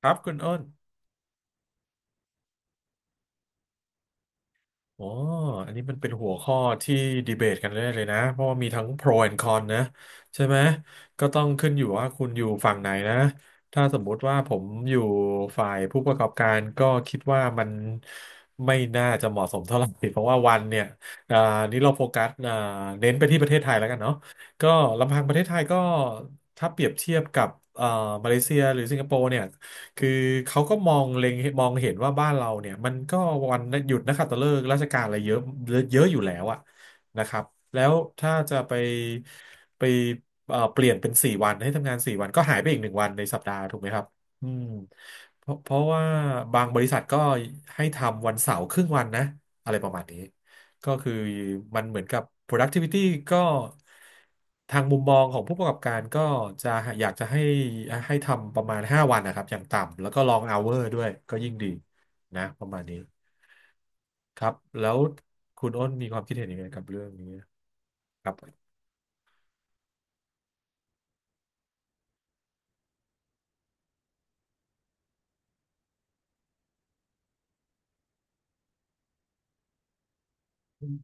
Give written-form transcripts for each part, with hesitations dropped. ครับคุณอ้นอ๋ออันนี้มันเป็นหัวข้อที่ดีเบตกันได้เลยนะเพราะว่ามีทั้ง pro and con นะใช่ไหมก็ต้องขึ้นอยู่ว่าคุณอยู่ฝั่งไหนนะถ้าสมมุติว่าผมอยู่ฝ่ายผู้ประกอบการก็คิดว่ามันไม่น่าจะเหมาะสมเท่าไหร่เพราะว่าวันเนี่ยอ่านี้เราโฟกัสเน้นไปที่ประเทศไทยแล้วกันเนาะก็ลำพังประเทศไทยก็ถ้าเปรียบเทียบกับเอ่อมาเลเซียหรือสิงคโปร์เนี่ย คือเขาก็มองเห็นว่าบ้านเราเนี่ยมันก็วันหยุดนักขัตฤกษ์ราชการอะไรเยอะเยอะอยู่แล้วอะนะครับแล้วถ้าจะไปเปลี่ยนเป็นสี่วันให้ทำงานสี่วันก็หายไปอีกหนึ่งวันในสัปดาห์ถูกไหมครับอืมเพราะว่าบางบริษัทก็ให้ทำวันเสาร์ครึ่งวันนะอะไรประมาณนี้ ก็คือมันเหมือนกับ productivity ก็ทางมุมมองของผู้ประกอบการก็จะอยากจะให้ทำประมาณ5วันนะครับอย่างต่ำแล้วก็ long hour ด้วยก็ยิ่งดีนะประมาณนี้ครับแล้วคุณอ้นมีความคิดเห็นยังไงกับเรื่องนี้ครับ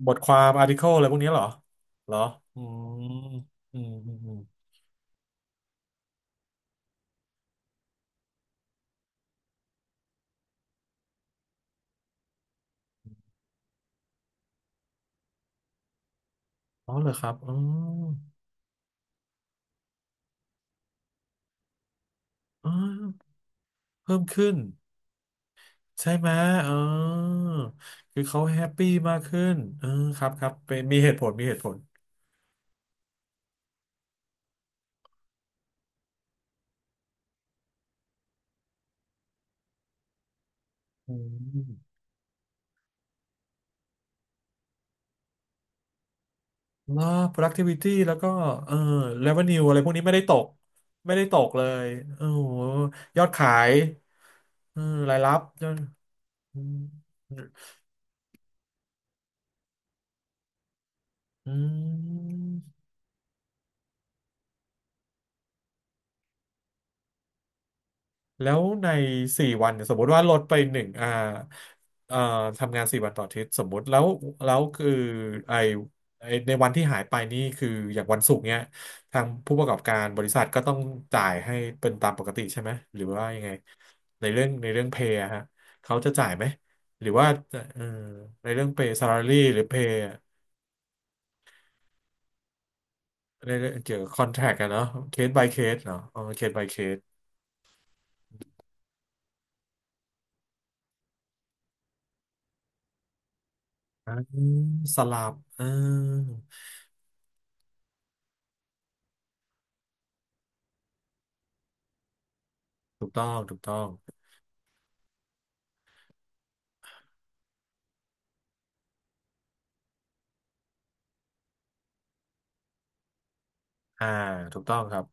บทความ article อะไรพวกนี้เหรอเหรออืมอืมอ๋อเหรอครับอ๋อเพิ่มขึ้น ใช่ไหมเออคือเขาแฮปปี้มากขึ้นเออครับครับเป็นมีเหตุผลอืมแล้ว productivity แล้วก็เออ revenue อะไรพวกนี้ไม่ได้ตกไม่ได้ตกเลยโอ้โหยอดขายเออรายรับยอดอืมอืม แล้วในสี่วันเนี่ยสมมติว่าลดไปหนึ่งเอ่อทำงานสี่วันต่ออาทิตย์สมมติแล้วแล้วคือไอไอ้ในวันที่หายไปนี่คืออย่างวันศุกร์เนี่ยทางผู้ประกอบการบริษัทก็ต้องจ่ายให้เป็นตามปกติใช่ไหมหรือว่ายังไงในเรื่องเพย์ฮะเขาจะจ่ายไหมหรือว่าเออในเรื่องเพย์ซา a า y หรือเพย์ในเรื่องเกี่ยวกับคอนแทคกัะเนาะเคส by เคสเนาะเคส by เคสสลับเออถูกต้อง อ่าถูกต้องครับ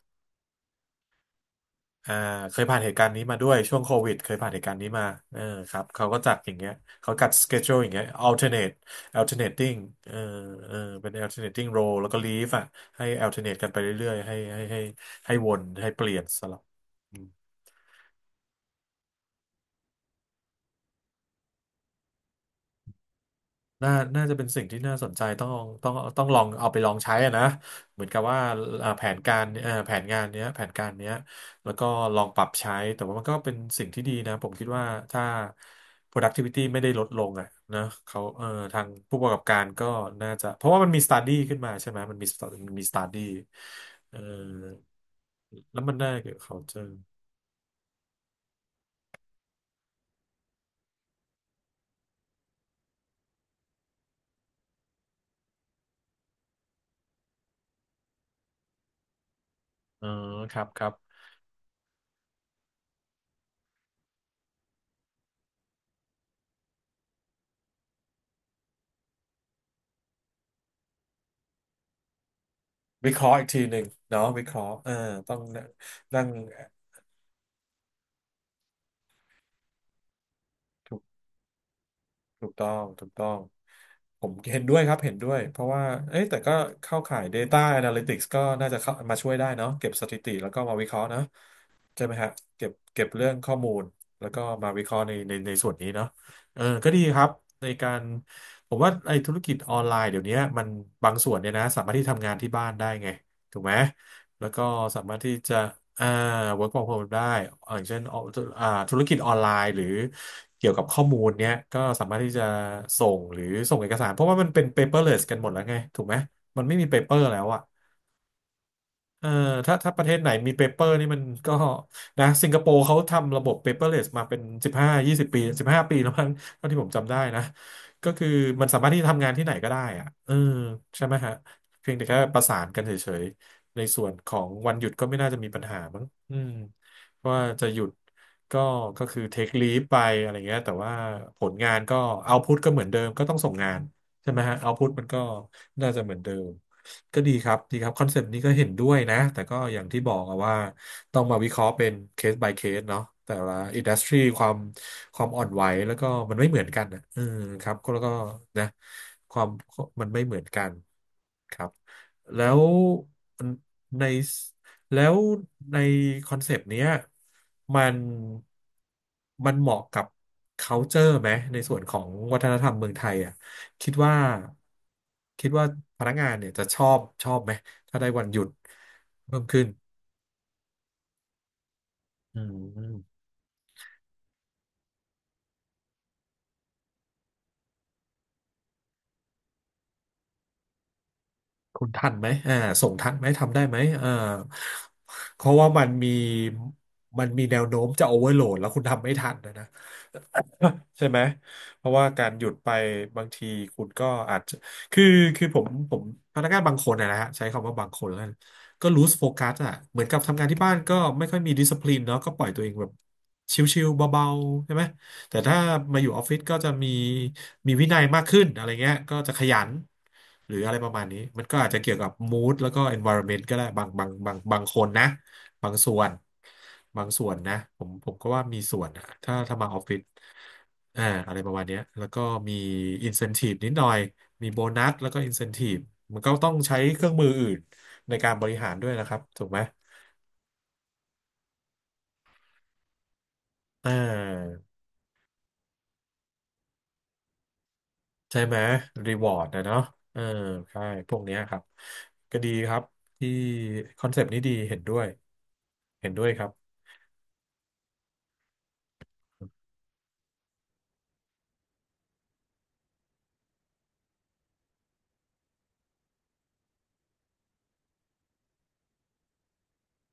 อ่าเคยผ่านเหตุการณ์นี้มาด้วยช่วงโควิดเคยผ่านเหตุการณ์นี้มาเออครับเขาก็จัดอย่างเงี้ยเขากัดสเกจ u l e อย่างเงี้ย alternate alternating เออเออเป็น alternating role แล้วก็ leave อ่ะให้ alternate กันไปเรื่อยๆให้ให้วนให้เปลี่ยนสลับ น่าน่าจะเป็นสิ่งที่น่าสนใจต้องลองเอาไปลองใช้อะนะเหมือนกับว่าแผนการแผนงานเนี้ยแผนการเนี้ยแล้วก็ลองปรับใช้แต่ว่ามันก็เป็นสิ่งที่ดีนะผมคิดว่าถ้า productivity ไม่ได้ลดลงอ่ะนะเขาทางผู้ประกอบการก็น่าจะเพราะว่ามันมี study ขึ้นมาใช่ไหมมันมี มันมี study เอ่อแล้วมันได้เกี่ยวกับ culture อ๋อครับครับวิเคราะห์อีกทีหนึ่งเนาะวิเคราะห์เออต้องนั่ง ถูกต้อง ผมเห็นด้วยครับเห็นด้วยเพราะว่าเอ้ยแต่ก็เข้าข่าย Data Analytics ก็น่าจะเข้ามาช่วยได้เนาะเก็บสถิติแล้วก็มาวิเคราะห์นะใช่ไหมฮะเก็บเรื่องข้อมูลแล้วก็มาวิเคราะห์ในส่วนนี้เนาะเออก็ดีครับในการผมว่าไอ้ธุรกิจออนไลน์เดี๋ยวนี้มันบางส่วนเนี่ยนะสามารถที่ทำงานที่บ้านได้ไงถูกไหม แล้วก็สามารถที่จะอ่า work from home ได้ อย่างเช่นธุรกิจออนไลน์หรือ เกี่ยวกับข้อมูลเนี้ยก็สามารถที่จะส่งหรือส่งเอกสารเพราะว่ามันเป็น paperless กันหมดแล้วไงถูกไหมมันไม่มี paper แล้วอะ เออถ้าประเทศไหนมีเปเปอร์นี่มันก็นะสิงคโปร์เขาทำระบบ paperless มาเป็นสิบห้ายี่สิบปีสิบห้าปีแล้วมั้งเท่าที่ผมจำได้นะก็คือมันสามารถที่จะทำงานที่ไหนก็ได้อะเออใช่ไหมฮะเพียงแต่แค่ประสานกันเฉยๆในส่วนของวันหยุดก็ไม่น่าจะมีปัญหามั้งอืมว่าจะหยุดก็ก็คือ take leave ไปอะไรเงี้ยแต่ว่าผลงานก็ output ก็เหมือนเดิมก็ต้องส่งงานใช่ไหมฮะ output มันก็น่าจะเหมือนเดิม ก็ดีครับดีครับคอนเซปต์นี้ก็เห็นด้วยนะแต่ก็อย่างที่บอกอะว่าต้องมาวิเคราะห์เป็นเคส by เคสเนาะแต่ละอินดัสทรีความความอ่อนไหวแล้วก็มันไม่เหมือนกันอะเออครับก็แล้วก็นะความมันไม่เหมือนกันครับแล้วในแล้วในคอนเซปต์เนี้ยมันมันเหมาะกับ culture ไหมในส่วนของวัฒนธรรมเมืองไทยอ่ะ คิดว่าคิดว่าพนักงานเนี่ยจะชอบไหมถ้าได้วันหยุดเพิ่มขึ้นอืม คุณทันไหมอ่าส่งทันไหม ทำได้ไหมอ่าเพราะว่ามันมีแนวโน้มจะโอเวอร์โหลดแล้วคุณทำไม่ทันนะนะ ใช่ไหม เพราะว่าการหยุดไปบางทีคุณก็อาจจะ คือคือผมพนักงานบางคนนะนะฮะใช้คำว่าบางคนแล้วกันก็ loose focus อ่ะเหมือนกับทำงานที่บ้านก็ไม่ค่อยมี discipline เนาะก็ปล่อยตัวเองแบบชิวๆเบาๆใช่ไหม แต่ถ้ามาอยู่ออฟฟิศก็จะมีวินัยมากขึ้นอะไรเงี้ยก็จะขยันหรืออะไรประมาณนี้มันก็อาจจะเกี่ยวกับ mood แล้วก็ environment ก็ได้บางคนนะบางส่วนบางส่วนนะผมก็ว่ามีส่วนนะถ้ามาออฟฟิศอ่าอะไรประมาณเนี้ยแล้วก็มี incentive นิดหน่อยมีโบนัสแล้วก็ incentive มันก็ต้องใช้เครื่องมืออื่นในการบริหารด้วยนะครับถูกไหมอ่า ใช่ไหมรีวอร์ดนะเนาะเออใช่พวกเนี้ยครับก็ดีครับที่คอนเซปต์นี้ดีเห็นด้วยเห็นด้วยครับ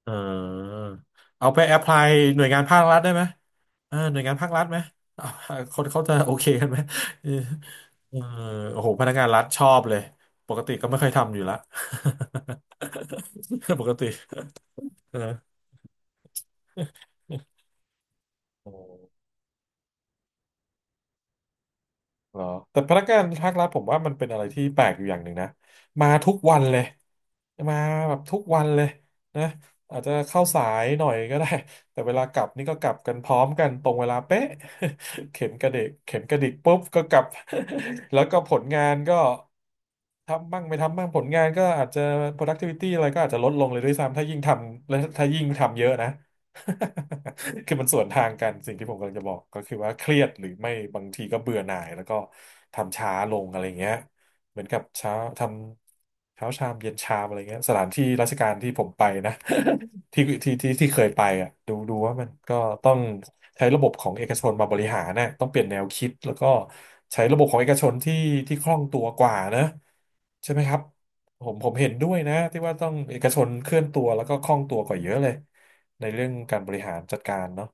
เออเอาไปแอพพลายหน่วยงานภาครัฐได้ไหมเออหน่วยงานภาครัฐไหมเอา คนเขาจะโอเคกันไหมเออเออโอ้โหพนักงานรัฐชอบเลยปกติก็ไม่เคยทำอยู่ละ ปกติเออโอ้ เหรอแต่พนักงานภาครัฐผมว่ามันเป็นอะไรที่แปลกอยู่อย่างหนึ่งนะมาทุกวันเลยมาแบบทุกวันเลยนะอาจจะเข้าสายหน่อยก็ได้แต่เวลากลับนี่ก็กลับกันพร้อมกันตรงเวลาเป๊ะ เข็มกระเดกเข็มกระดิกปุ๊บก็กลับ แล้วก็ผลงานก็ทำบ้างไม่ทำบ้างผลงานก็อาจจะ productivity อะไรก็อาจจะลดลงเลยด้วยซ้ำถ้ายิ่งทำและถ้ายิ่งทำเยอะนะ คือมันสวนทางกันสิ่งที่ผมกำลังจะบอกก็คือว่าเครียดหรือไม่บางทีก็เบื่อหน่ายแล้วก็ทำช้าลงอะไรเงี้ยเหมือนกับเช้าทำเช้าชามเย็นชามอะไรเงี้ยสถานที่ราชการที่ผมไปนะ ที่เคยไปอ่ะดูว่ามันก็ต้องใช้ระบบของเอกชนมาบริหารนะต้องเปลี่ยนแนวคิดแล้วก็ใช้ระบบของเอกชนที่คล่องตัวกว่านะใช่ไหมครับผมเห็นด้วยนะที่ว่าต้องเอกชนเคลื่อนตัวแล้วก็คล่องตัวกว่าเยอะเลย ในเรื่องการบริหารจัดการเนาะ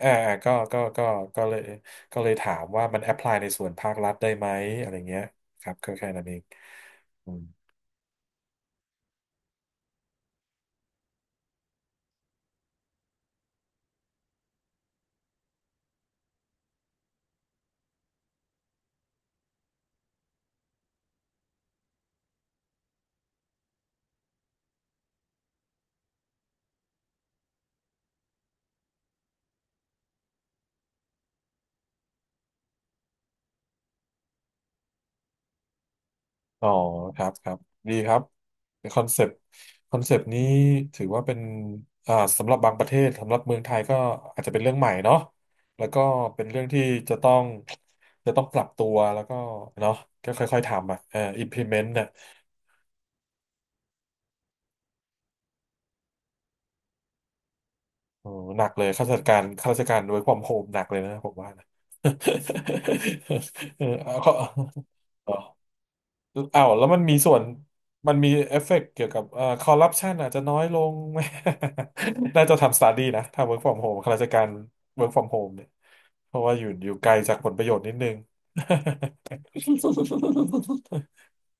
อ่าอ่าก็ก็ก็เลยถามว่ามันแอพพลายในส่วนภาครัฐได้ไหมอะไรเงี้ยครับก็แค่นั้นเองอืมอ๋อครับครับดีครับคอนเซปต์คอนเซปต์นี้ถือว่าเป็นอ่าสำหรับบางประเทศสำหรับเมืองไทยก็อาจจะเป็นเรื่องใหม่เนาะแล้วก็เป็นเรื่องที่จะต้องจะต้องปรับตัวแล้วก็เนาะก็ค่อยๆทำอ่ะimplement น่ะ โอ้หนักเลยข้าราชการ work from home หนักเลยนะผมว่านะ เออ เอาเขาเอาอ้าวแล้วมันมีส่วนมันมีเอฟเฟกต์เกี่ยวกับคอร์รัปชันอาจจะน้อยลง ไหม น่าจะทำสตาร์ดี้นะถ้า work from home ข้าราชการ work from home เนี่ยเพราะว่าอยู่ไกลจากผลประโยชน์นิดนึง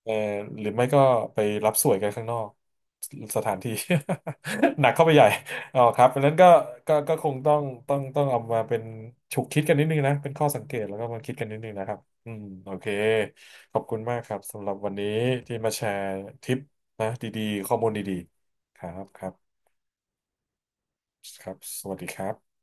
เออหรือไม่ก็ไปรับสวยกันข้างนอกสถานที่ หนักเข้าไปใหญ่อ๋อครับเพราะฉะนั้นก็ก็คงต้องเอามาเป็นฉุกคิดกันนิดนึงนะเป็นข้อสังเกตแล้วก็มาคิดกันนิดนึงนะครับอืมโอเคขอบคุณมากครับสำหรับวันนี้ที่มาแชร์ทิปนะดีๆข้อมูลดีๆครับสวัสดีครับ